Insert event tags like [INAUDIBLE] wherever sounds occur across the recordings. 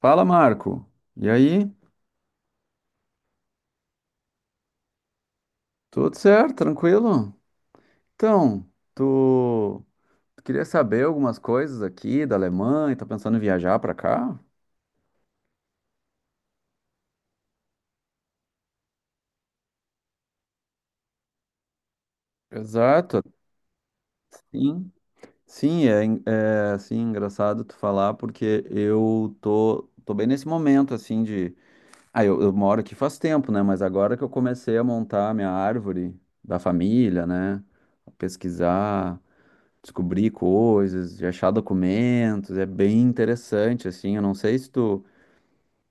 Fala, Marco. E aí? Tudo certo? Tranquilo? Então, tu tu queria saber algumas coisas aqui da Alemanha? Tá pensando em viajar pra cá? Exato, sim. Sim, é, é assim, engraçado tu falar, porque eu tô bem nesse momento, assim, de... Ah, eu moro aqui faz tempo, né? Mas agora que eu comecei a montar a minha árvore da família, né? Pesquisar, descobrir coisas, de achar documentos, é bem interessante, assim, eu não sei se tu,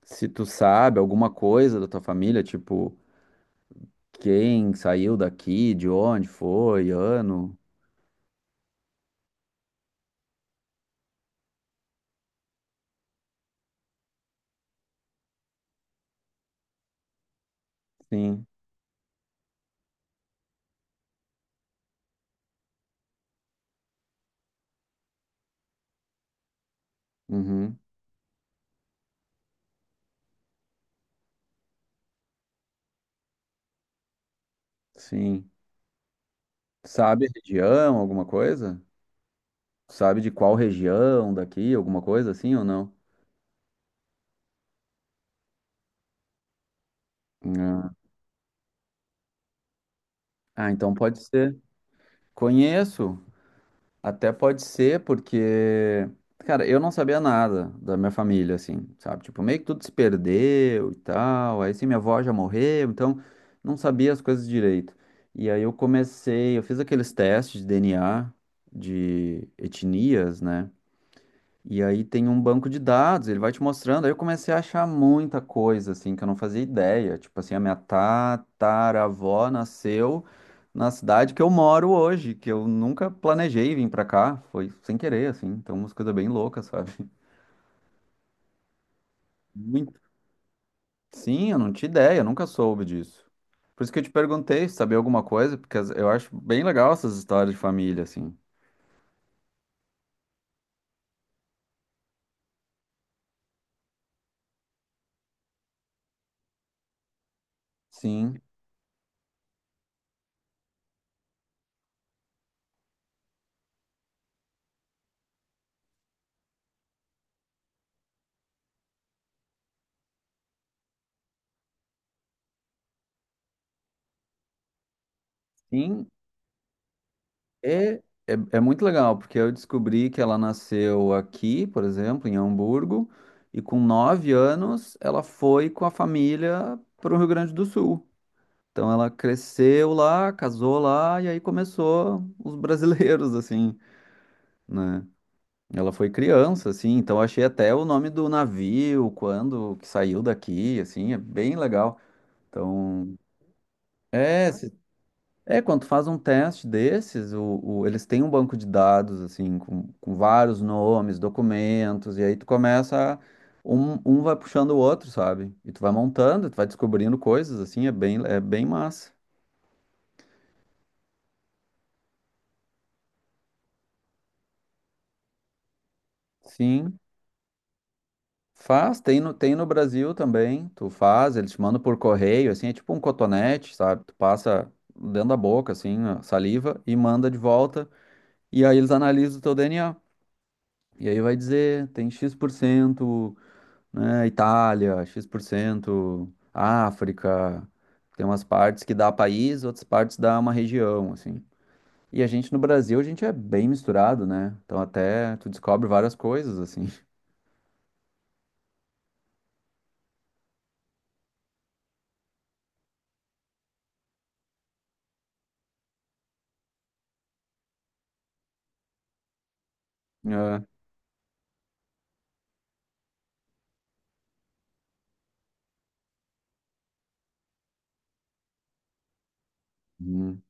se tu sabe alguma coisa da tua família, tipo, quem saiu daqui, de onde foi, ano, sim, uhum, sim, sabe a região, alguma coisa? Sabe de qual região daqui, alguma coisa assim ou não? Ah, ah, então pode ser, conheço. Até pode ser, porque, cara, eu não sabia nada da minha família, assim, sabe? Tipo, meio que tudo se perdeu e tal. Aí, sim, minha avó já morreu, então não sabia as coisas direito. E aí eu comecei, eu fiz aqueles testes de DNA, de etnias, né? E aí tem um banco de dados, ele vai te mostrando. Aí eu comecei a achar muita coisa, assim, que eu não fazia ideia. Tipo assim, a minha tataravó nasceu na cidade que eu moro hoje, que eu nunca planejei vir pra cá. Foi sem querer, assim. Então, umas coisas bem loucas, [LAUGHS] sabe? Muito. Sim, eu não tinha ideia, eu nunca soube disso. Por isso que eu te perguntei se sabia alguma coisa, porque eu acho bem legal essas histórias de família, assim. Sim. Sim, É, é, é muito legal, porque eu descobri que ela nasceu aqui, por exemplo, em Hamburgo, e com 9 anos ela foi com a família para o Rio Grande do Sul. Então ela cresceu lá, casou lá, e aí começou os brasileiros, [LAUGHS] assim, né? Ela foi criança, assim, então eu achei até o nome do navio, quando que saiu daqui, assim, é bem legal. Então, é, é, quando tu faz um teste desses, eles têm um banco de dados, assim, com vários nomes, documentos, e aí tu começa, um vai puxando o outro, sabe? E tu vai montando, tu vai descobrindo coisas, assim, é bem massa. Sim, faz, tem no Brasil também, tu faz, eles te mandam por correio, assim, é tipo um cotonete, sabe? Tu passa dentro da boca, assim, a saliva, e manda de volta, e aí eles analisam o teu DNA. E aí vai dizer, tem X% né, Itália, X%, por cento, África. Tem umas partes que dá país, outras partes dá uma região, assim. E a gente no Brasil, a gente é bem misturado, né? Então até tu descobre várias coisas, assim. [LAUGHS] É, uhum.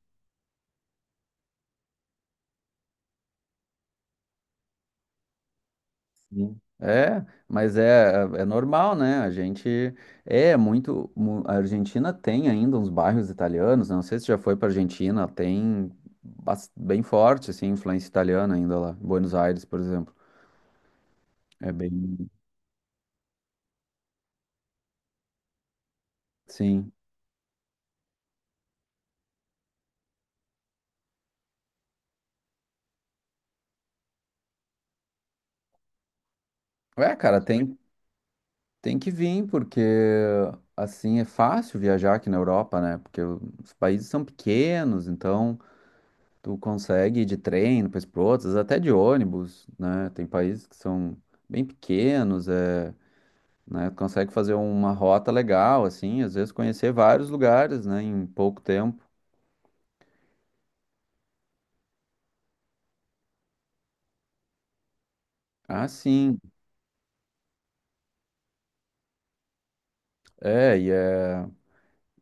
Sim. É, mas é, é normal, né? A gente é muito. A Argentina tem ainda uns bairros italianos, né? Não sei se já foi pra Argentina, tem bem forte, assim, influência italiana ainda lá. Buenos Aires, por exemplo. É bem. Sim. Ué, cara, tem, tem que vir, porque assim é fácil viajar aqui na Europa, né? Porque os países são pequenos, então tu consegue ir de trem, depois para outros, até de ônibus, né? Tem países que são bem pequenos, é, né? Tu consegue fazer uma rota legal, assim, às vezes conhecer vários lugares, né, em pouco tempo. Ah, sim. É, e é.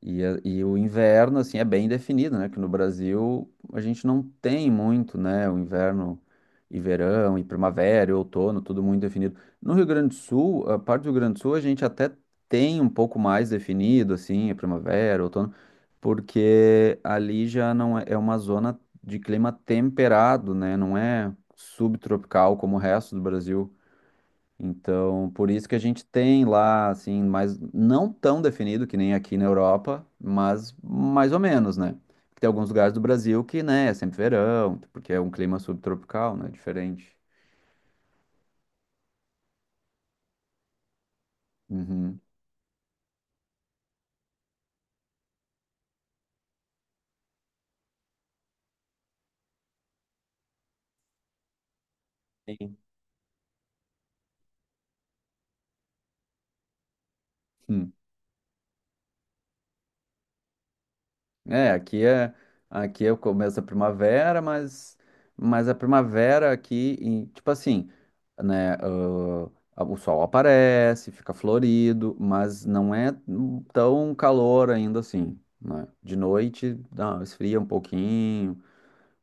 E, e o inverno, assim, é bem definido, né? Que no Brasil a gente não tem muito, né? O inverno e verão, e primavera, e outono, tudo muito definido. No Rio Grande do Sul, a parte do Rio Grande do Sul a gente até tem um pouco mais definido, assim, a primavera, outono, porque ali já não é, é uma zona de clima temperado, né? Não é subtropical como o resto do Brasil. Então, por isso que a gente tem lá, assim, mas não tão definido que nem aqui na Europa, mas mais ou menos, né? Tem alguns lugares do Brasil que, né, é sempre verão, porque é um clima subtropical, né? Diferente. Uhum. Sim. É, aqui é o começo da primavera, mas a primavera aqui, tipo assim, né, o sol aparece, fica florido, mas não é tão calor ainda assim, né? De noite, dá, esfria um pouquinho,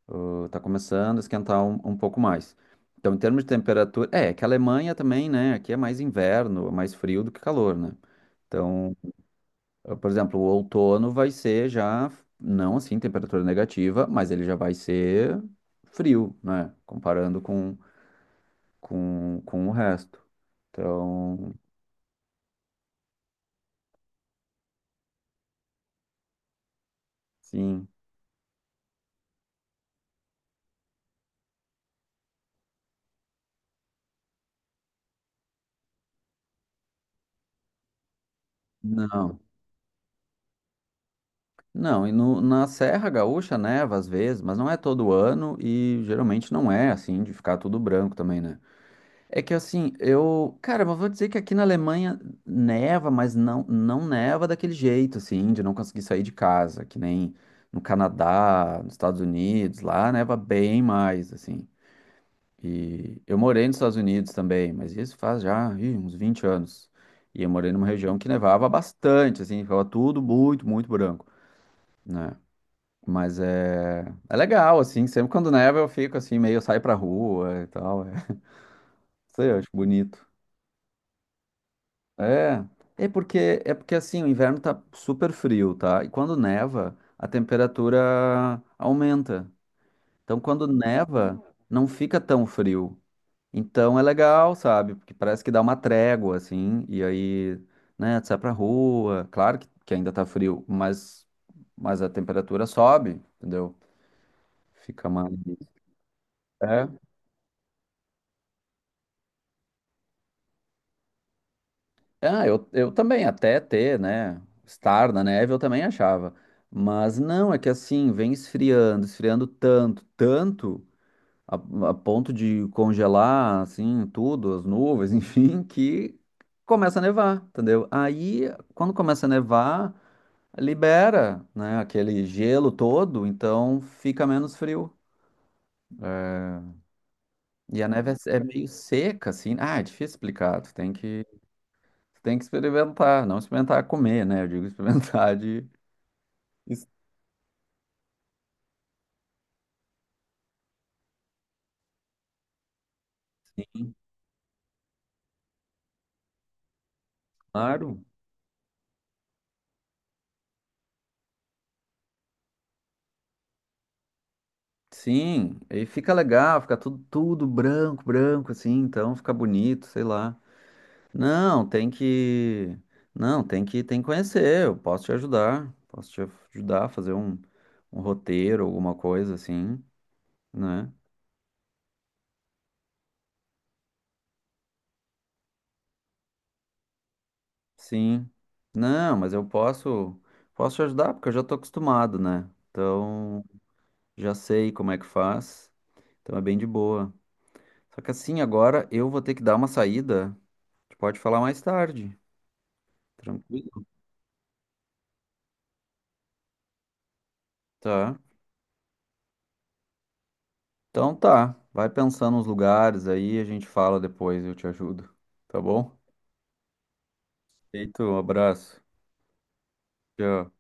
tá começando a esquentar um pouco mais. Então, em termos de temperatura, é, que a Alemanha também, né, aqui é mais inverno, é mais frio do que calor, né? Então, por exemplo, o outono vai ser já, não assim, temperatura negativa, mas ele já vai ser frio, né? Comparando com o resto. Então, sim. Não. Não, e no, na Serra Gaúcha neva às vezes, mas não é todo ano e geralmente não é assim, de ficar tudo branco também, né? É que assim, eu, cara, mas vou dizer que aqui na Alemanha neva, mas não neva daquele jeito, assim, de não conseguir sair de casa, que nem no Canadá, nos Estados Unidos, lá neva bem mais, assim. E eu morei nos Estados Unidos também, mas isso faz já, ih, uns 20 anos. E eu morei numa região que nevava bastante, assim, ficava tudo muito, muito branco, né? Mas é, é legal, assim, sempre quando neva eu fico assim, meio eu saio pra rua e tal, é, [LAUGHS] não sei, eu acho bonito. É, é porque assim, o inverno tá super frio, tá? E quando neva, a temperatura aumenta. Então, quando neva, não fica tão frio. Então é legal, sabe? Porque parece que dá uma trégua, assim, e aí, né, tu sai pra rua. Claro que ainda tá frio, mas a temperatura sobe, entendeu? Fica mais. É. Ah, eu também, até ter, né? Estar na neve, eu também achava. Mas não, é que assim, vem esfriando, esfriando tanto, tanto, a, a ponto de congelar, assim, tudo, as nuvens, [LAUGHS] enfim, que começa a nevar, entendeu? Aí, quando começa a nevar, libera, né, aquele gelo todo, então fica menos frio. E a neve é, é meio seca, assim. Ah, é difícil explicar, tu tem que experimentar, não experimentar comer, né? Eu digo [LAUGHS] experimentar de. Isso, claro, sim. Aí fica legal, fica tudo, tudo branco, branco, assim, então fica bonito, sei lá. Não, tem que. Não, tem que conhecer. Eu posso te ajudar. Posso te ajudar a fazer um, um roteiro, alguma coisa assim, né? Sim. Não, mas eu posso, posso te ajudar porque eu já tô acostumado, né? Então, já sei como é que faz. Então é bem de boa. Só que assim, agora eu vou ter que dar uma saída. A gente pode falar mais tarde. Tranquilo. Tá. Então tá. Vai pensando nos lugares aí, a gente fala depois, eu te ajudo. Tá bom? Feito, um abraço. Tchau.